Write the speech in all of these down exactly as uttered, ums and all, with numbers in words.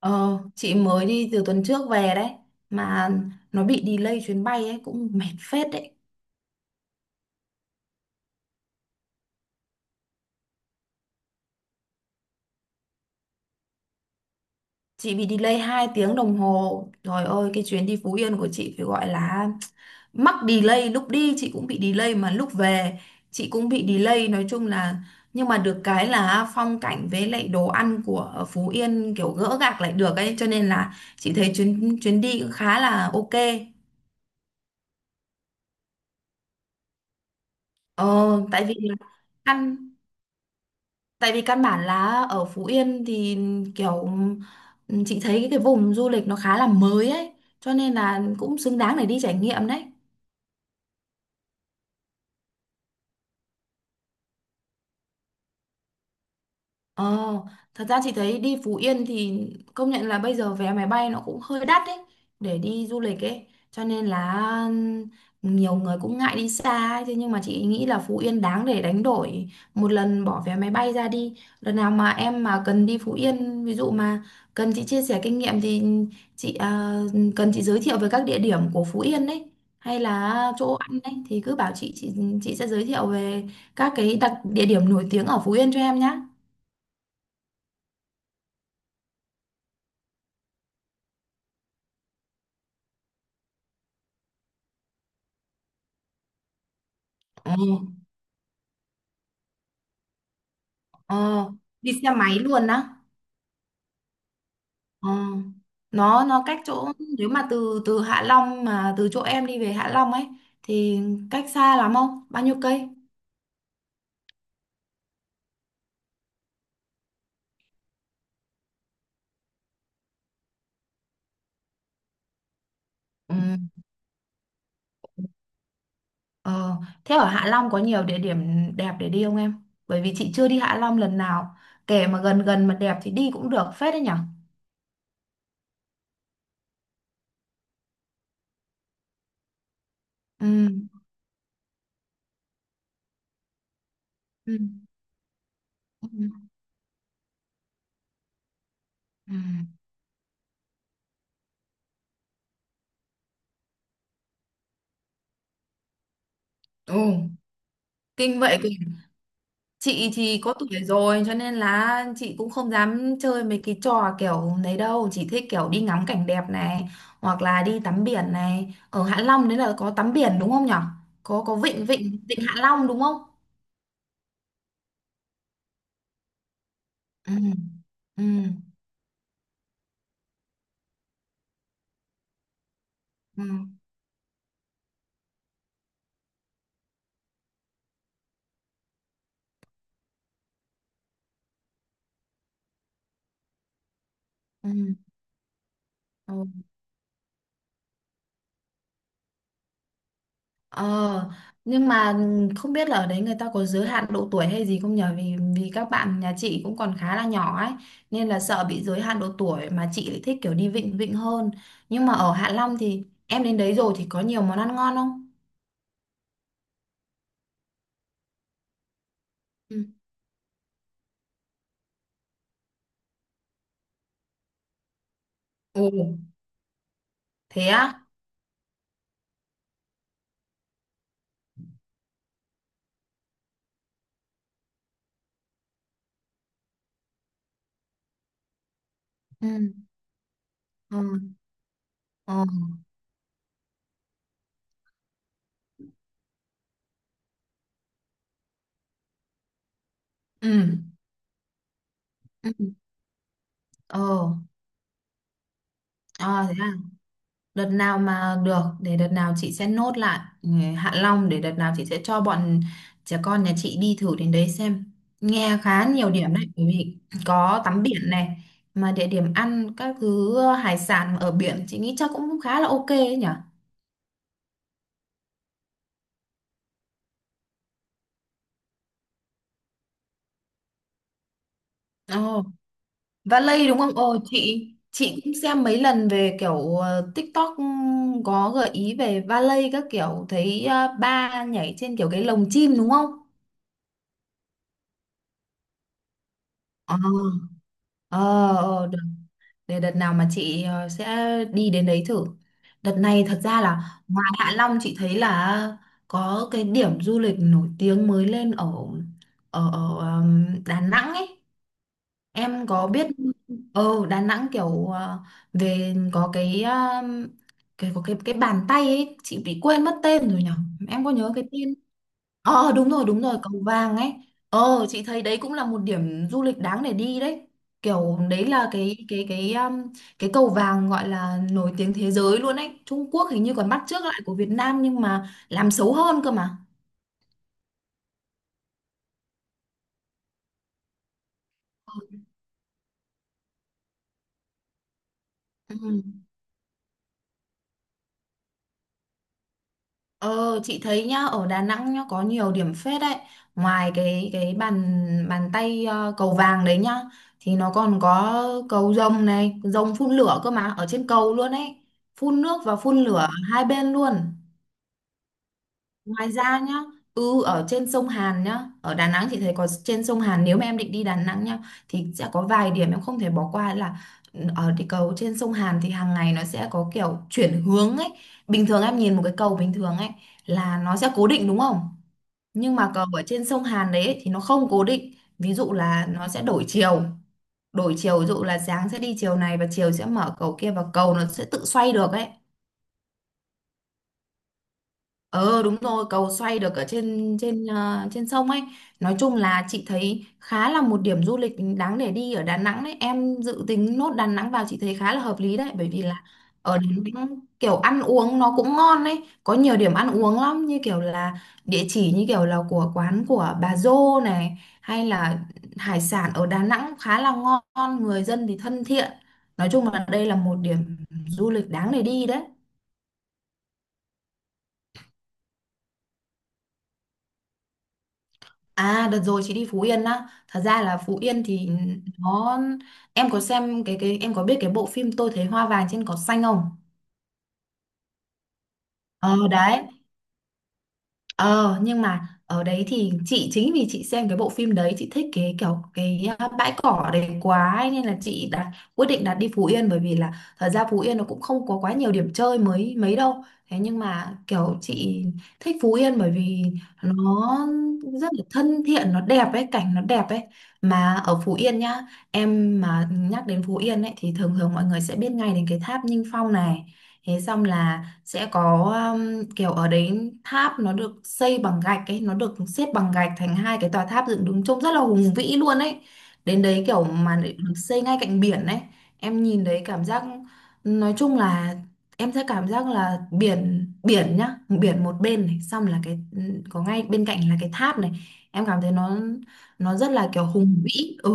Ờ, chị mới đi từ tuần trước về đấy mà nó bị delay chuyến bay ấy cũng mệt phết đấy. Chị bị delay hai tiếng đồng hồ. Trời ơi cái chuyến đi Phú Yên của chị phải gọi là mắc delay, lúc đi chị cũng bị delay mà lúc về chị cũng bị delay, nói chung là nhưng mà được cái là phong cảnh với lại đồ ăn của Phú Yên kiểu gỡ gạc lại được ấy cho nên là chị thấy chuyến chuyến đi cũng khá là ok. Ờ, tại vì là ăn. Tại vì căn bản là ở Phú Yên thì kiểu ừm, chị thấy cái, cái vùng du lịch nó khá là mới ấy, cho nên là cũng xứng đáng để đi trải nghiệm đấy. Ờ, thật ra chị thấy đi Phú Yên thì công nhận là bây giờ vé máy bay nó cũng hơi đắt đấy để đi du lịch ấy, cho nên là ừ, nhiều người cũng ngại đi xa ấy. Thế nhưng mà chị nghĩ là Phú Yên đáng để đánh đổi một lần bỏ vé máy bay ra đi. Lần nào mà em mà cần đi Phú Yên ví dụ mà cần chị chia sẻ kinh nghiệm thì chị à, cần chị giới thiệu về các địa điểm của Phú Yên đấy hay là chỗ ăn đấy thì cứ bảo chị, chị chị sẽ giới thiệu về các cái đặc địa điểm nổi tiếng ở Phú Yên cho em nhé. Ờ, đi xe máy luôn á. Ờ. Nó nó cách chỗ, nếu mà từ từ Hạ Long mà từ chỗ em đi về Hạ Long ấy thì cách xa lắm không? Bao nhiêu cây? Ừ. Ờ, thế ở Hạ Long có nhiều địa điểm đẹp để đi không em? Bởi vì chị chưa đi Hạ Long lần nào. Kể mà gần gần mà đẹp thì đi cũng được phết đấy nhở? Ừ. Ừ. Ừ. Ừ. Ồ, kinh vậy. Chị thì có tuổi rồi cho nên là chị cũng không dám chơi mấy cái trò kiểu đấy đâu, chỉ thích kiểu đi ngắm cảnh đẹp này hoặc là đi tắm biển này. Ở Hạ Long đấy là có tắm biển đúng không nhở? có có vịnh vịnh vịnh Hạ Long đúng không? Ừ. Ừ. Ừ. Ừ, ừ. Ờ, nhưng mà không biết là ở đấy người ta có giới hạn độ tuổi hay gì không nhở? Vì vì các bạn nhà chị cũng còn khá là nhỏ ấy, nên là sợ bị giới hạn độ tuổi, mà chị lại thích kiểu đi vịnh vịnh hơn. Nhưng mà ở Hạ Long thì em đến đấy rồi thì có nhiều món ăn ngon không? Ừ. Ồ, thế á? Ừ. Ừ, ừ, ừ, ừ, ờ, à, thế à? Đợt nào mà được, để đợt nào chị sẽ nốt lại ừ, Hạ Long, để đợt nào chị sẽ cho bọn trẻ con nhà chị đi thử đến đấy xem, nghe khá nhiều điểm đấy. Bởi vì có tắm biển này, mà địa điểm ăn các thứ ờ, hải sản ở biển chị nghĩ chắc cũng khá là ok ấy nhỉ. Ồ, Valley đúng không? Ồ, chị chị cũng xem mấy lần về kiểu ờ, TikTok ừ, có gợi ý về Valley các kiểu, thấy ờ, ba nhảy trên kiểu cái lồng chim đúng không? Ờ, ờ, ờ, để đợt nào mà chị ờ, sẽ đi đến đấy thử. Đợt này thật ra là ngoài Hạ Long chị thấy là có cái điểm du lịch nổi tiếng mới lên ở ở, ở ờm, Đà Nẵng ấy, em có biết. Ờ Đà Nẵng kiểu ờ, về có cái ờm, cái có cái cái bàn tay ấy, chị bị quên mất tên rồi nhở, em có nhớ cái tên. Ờ đúng rồi đúng rồi, cầu vàng ấy. Ờ chị thấy đấy cũng là một điểm du lịch đáng để đi đấy. Kiểu đấy là cái cái cái um, cái cầu vàng gọi là nổi tiếng thế giới luôn ấy. Trung Quốc hình như còn bắt chước lại của Việt Nam nhưng mà làm xấu hơn cơ mà. Ừ. Ờ chị thấy nhá, ở Đà Nẵng nhá có nhiều điểm phết đấy, ngoài cái cái bàn bàn tay ờ, cầu vàng đấy nhá, thì nó còn có cầu rồng này, rồng phun lửa cơ mà, ở trên cầu luôn ấy, phun nước và phun lửa hai bên luôn. Ngoài ra nhá, ừ ở trên sông Hàn nhá, ở Đà Nẵng chị thấy có trên sông Hàn, nếu mà em định đi Đà Nẵng nhá thì sẽ có vài điểm em không thể bỏ qua là ừ, ở cái cầu trên sông Hàn thì hàng ngày nó sẽ có kiểu chuyển hướng ấy. Bình thường em nhìn một cái cầu bình thường ấy là nó sẽ cố định đúng không? Nhưng mà cầu ở trên sông Hàn đấy thì nó không cố định. Ví dụ là nó sẽ đổi chiều, đổi chiều ví dụ là sáng sẽ đi chiều này và chiều sẽ mở cầu kia, và cầu nó sẽ tự xoay được ấy. Ờ đúng rồi, cầu xoay được ở trên trên ờ, trên sông ấy. Nói chung là chị thấy khá là một điểm du lịch đáng để đi ở Đà Nẵng đấy. Em dự tính nốt Đà Nẵng vào chị thấy khá là hợp lý đấy, bởi vì là ở Đà Nẵng kiểu ăn uống nó cũng ngon đấy, có nhiều điểm ăn uống lắm, như kiểu là địa chỉ như kiểu là của quán của bà Dô này, hay là hải sản ở Đà Nẵng khá là ngon, người dân thì thân thiện. Nói chung là đây là một điểm du lịch đáng để đi đấy. À đợt rồi chị đi Phú Yên á. Thật ra là Phú Yên thì nó. Em có xem cái cái Em có biết cái bộ phim Tôi Thấy Hoa Vàng Trên Cỏ Xanh không? Ờ đấy. Ờ nhưng mà ở đấy thì chị, chính vì chị xem cái bộ phim đấy chị thích cái kiểu cái à, bãi cỏ đấy quá ấy, nên là chị đặt quyết định đặt đi Phú Yên, bởi vì là thật ra Phú Yên nó cũng không có quá nhiều điểm chơi mới mấy đâu, thế nhưng mà kiểu chị thích Phú Yên bởi vì nó rất là thân thiện, nó đẹp ấy, cảnh nó đẹp ấy. Mà ở Phú Yên nhá, em mà nhắc đến Phú Yên ấy thì thường thường mọi người sẽ biết ngay đến cái tháp Nghinh Phong này, thế xong là sẽ có um, kiểu ở đấy tháp nó được xây bằng gạch ấy, nó được xếp bằng gạch thành hai cái tòa tháp dựng đứng trông rất là hùng vĩ luôn ấy. Đến đấy kiểu mà lại được xây ngay cạnh biển ấy, em nhìn đấy cảm giác, nói chung là em sẽ cảm giác là biển biển nhá, biển một bên này, xong là cái có ngay bên cạnh là cái tháp này, em cảm thấy nó nó rất là kiểu hùng vĩ ừ,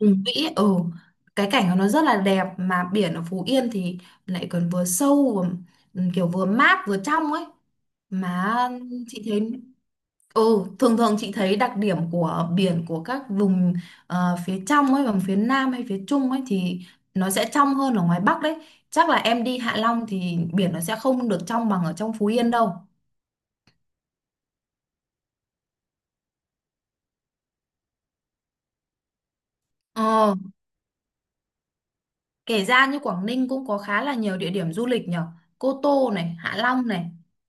hùng vĩ ấy, ừ. Cái cảnh của nó rất là đẹp, mà biển ở Phú Yên thì lại còn vừa sâu ừ, kiểu vừa mát vừa trong ấy mà. Chị thấy ừ, thường thường chị thấy đặc điểm của biển của các vùng ờ, phía trong ấy, vùng phía Nam hay phía Trung ấy thì nó sẽ trong hơn ở ngoài Bắc đấy. Chắc là em đi Hạ Long thì biển nó sẽ không được trong bằng ở trong Phú Yên đâu. Ờ, kể ra như Quảng Ninh cũng có khá là nhiều địa điểm du lịch nhở, Cô Tô này, Hạ Long này,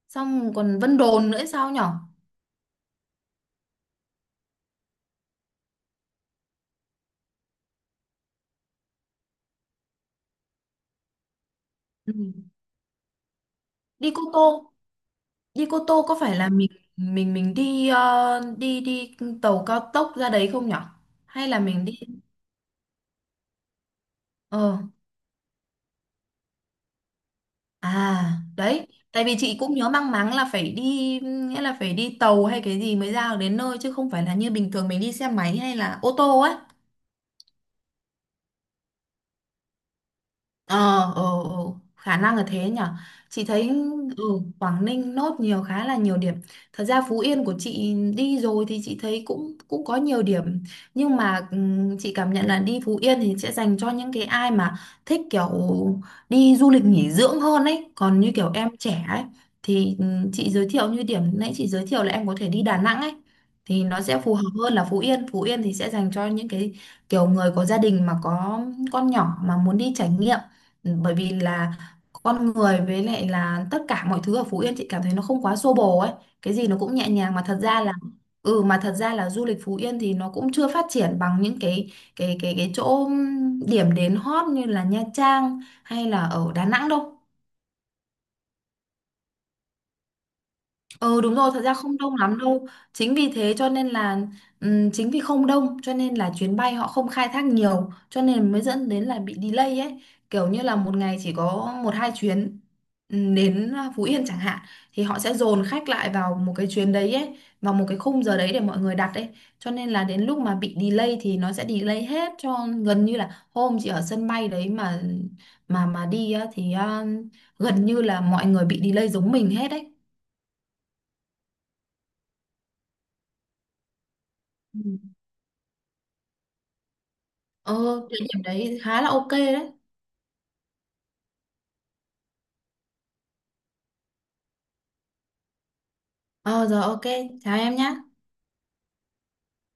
xong còn Vân Đồn nữa sao nhở. Ừ. Đi Cô Tô, đi Cô Tô có phải là mình mình mình đi ờ, đi đi tàu cao tốc ra đấy không nhở? Hay là mình đi ờ à đấy, tại vì chị cũng nhớ mang máng là phải đi, nghĩa là phải đi tàu hay cái gì mới ra được đến nơi, chứ không phải là như bình thường mình đi xe máy hay là ô tô ấy. Ờ, ờ, ờ, khả năng là thế nhở. Chị thấy ừ, Quảng Ninh nốt nhiều, khá là nhiều điểm. Thật ra Phú Yên của chị đi rồi thì chị thấy cũng cũng có nhiều điểm, nhưng mà ừm, chị cảm nhận là đi Phú Yên thì sẽ dành cho những cái ai mà thích kiểu đi du lịch nghỉ dưỡng hơn ấy. Còn như kiểu em trẻ ấy thì ừm, chị giới thiệu như điểm nãy chị giới thiệu là em có thể đi Đà Nẵng ấy thì nó sẽ phù hợp hơn là Phú Yên. Phú Yên thì sẽ dành cho những cái kiểu người có gia đình mà có con nhỏ mà muốn đi trải nghiệm. Ừ, bởi vì là con người với lại là tất cả mọi thứ ở Phú Yên chị cảm thấy nó không quá xô bồ ấy, cái gì nó cũng nhẹ nhàng mà. Thật ra là ừ, mà thật ra là du lịch Phú Yên thì nó cũng chưa phát triển bằng những cái cái cái cái chỗ điểm đến hot như là Nha Trang hay là ở Đà Nẵng đâu. Ừ đúng rồi, thật ra không đông lắm đâu. Chính vì thế cho nên là ừm, chính vì không đông cho nên là chuyến bay họ không khai thác nhiều cho nên mới dẫn đến là bị delay ấy. Kiểu như là một ngày chỉ có một hai chuyến ừm, đến Phú Yên chẳng hạn, thì họ sẽ dồn khách lại vào một cái chuyến đấy ấy, vào một cái khung giờ đấy để mọi người đặt ấy. Cho nên là đến lúc mà bị delay thì nó sẽ delay hết, cho gần như là hôm chị ở sân bay đấy mà mà mà đi á, thì à, gần như là mọi người bị delay giống mình hết đấy. Ờ, địa điểm đấy khá là ok đấy. Ờ, rồi ok, chào em nhé.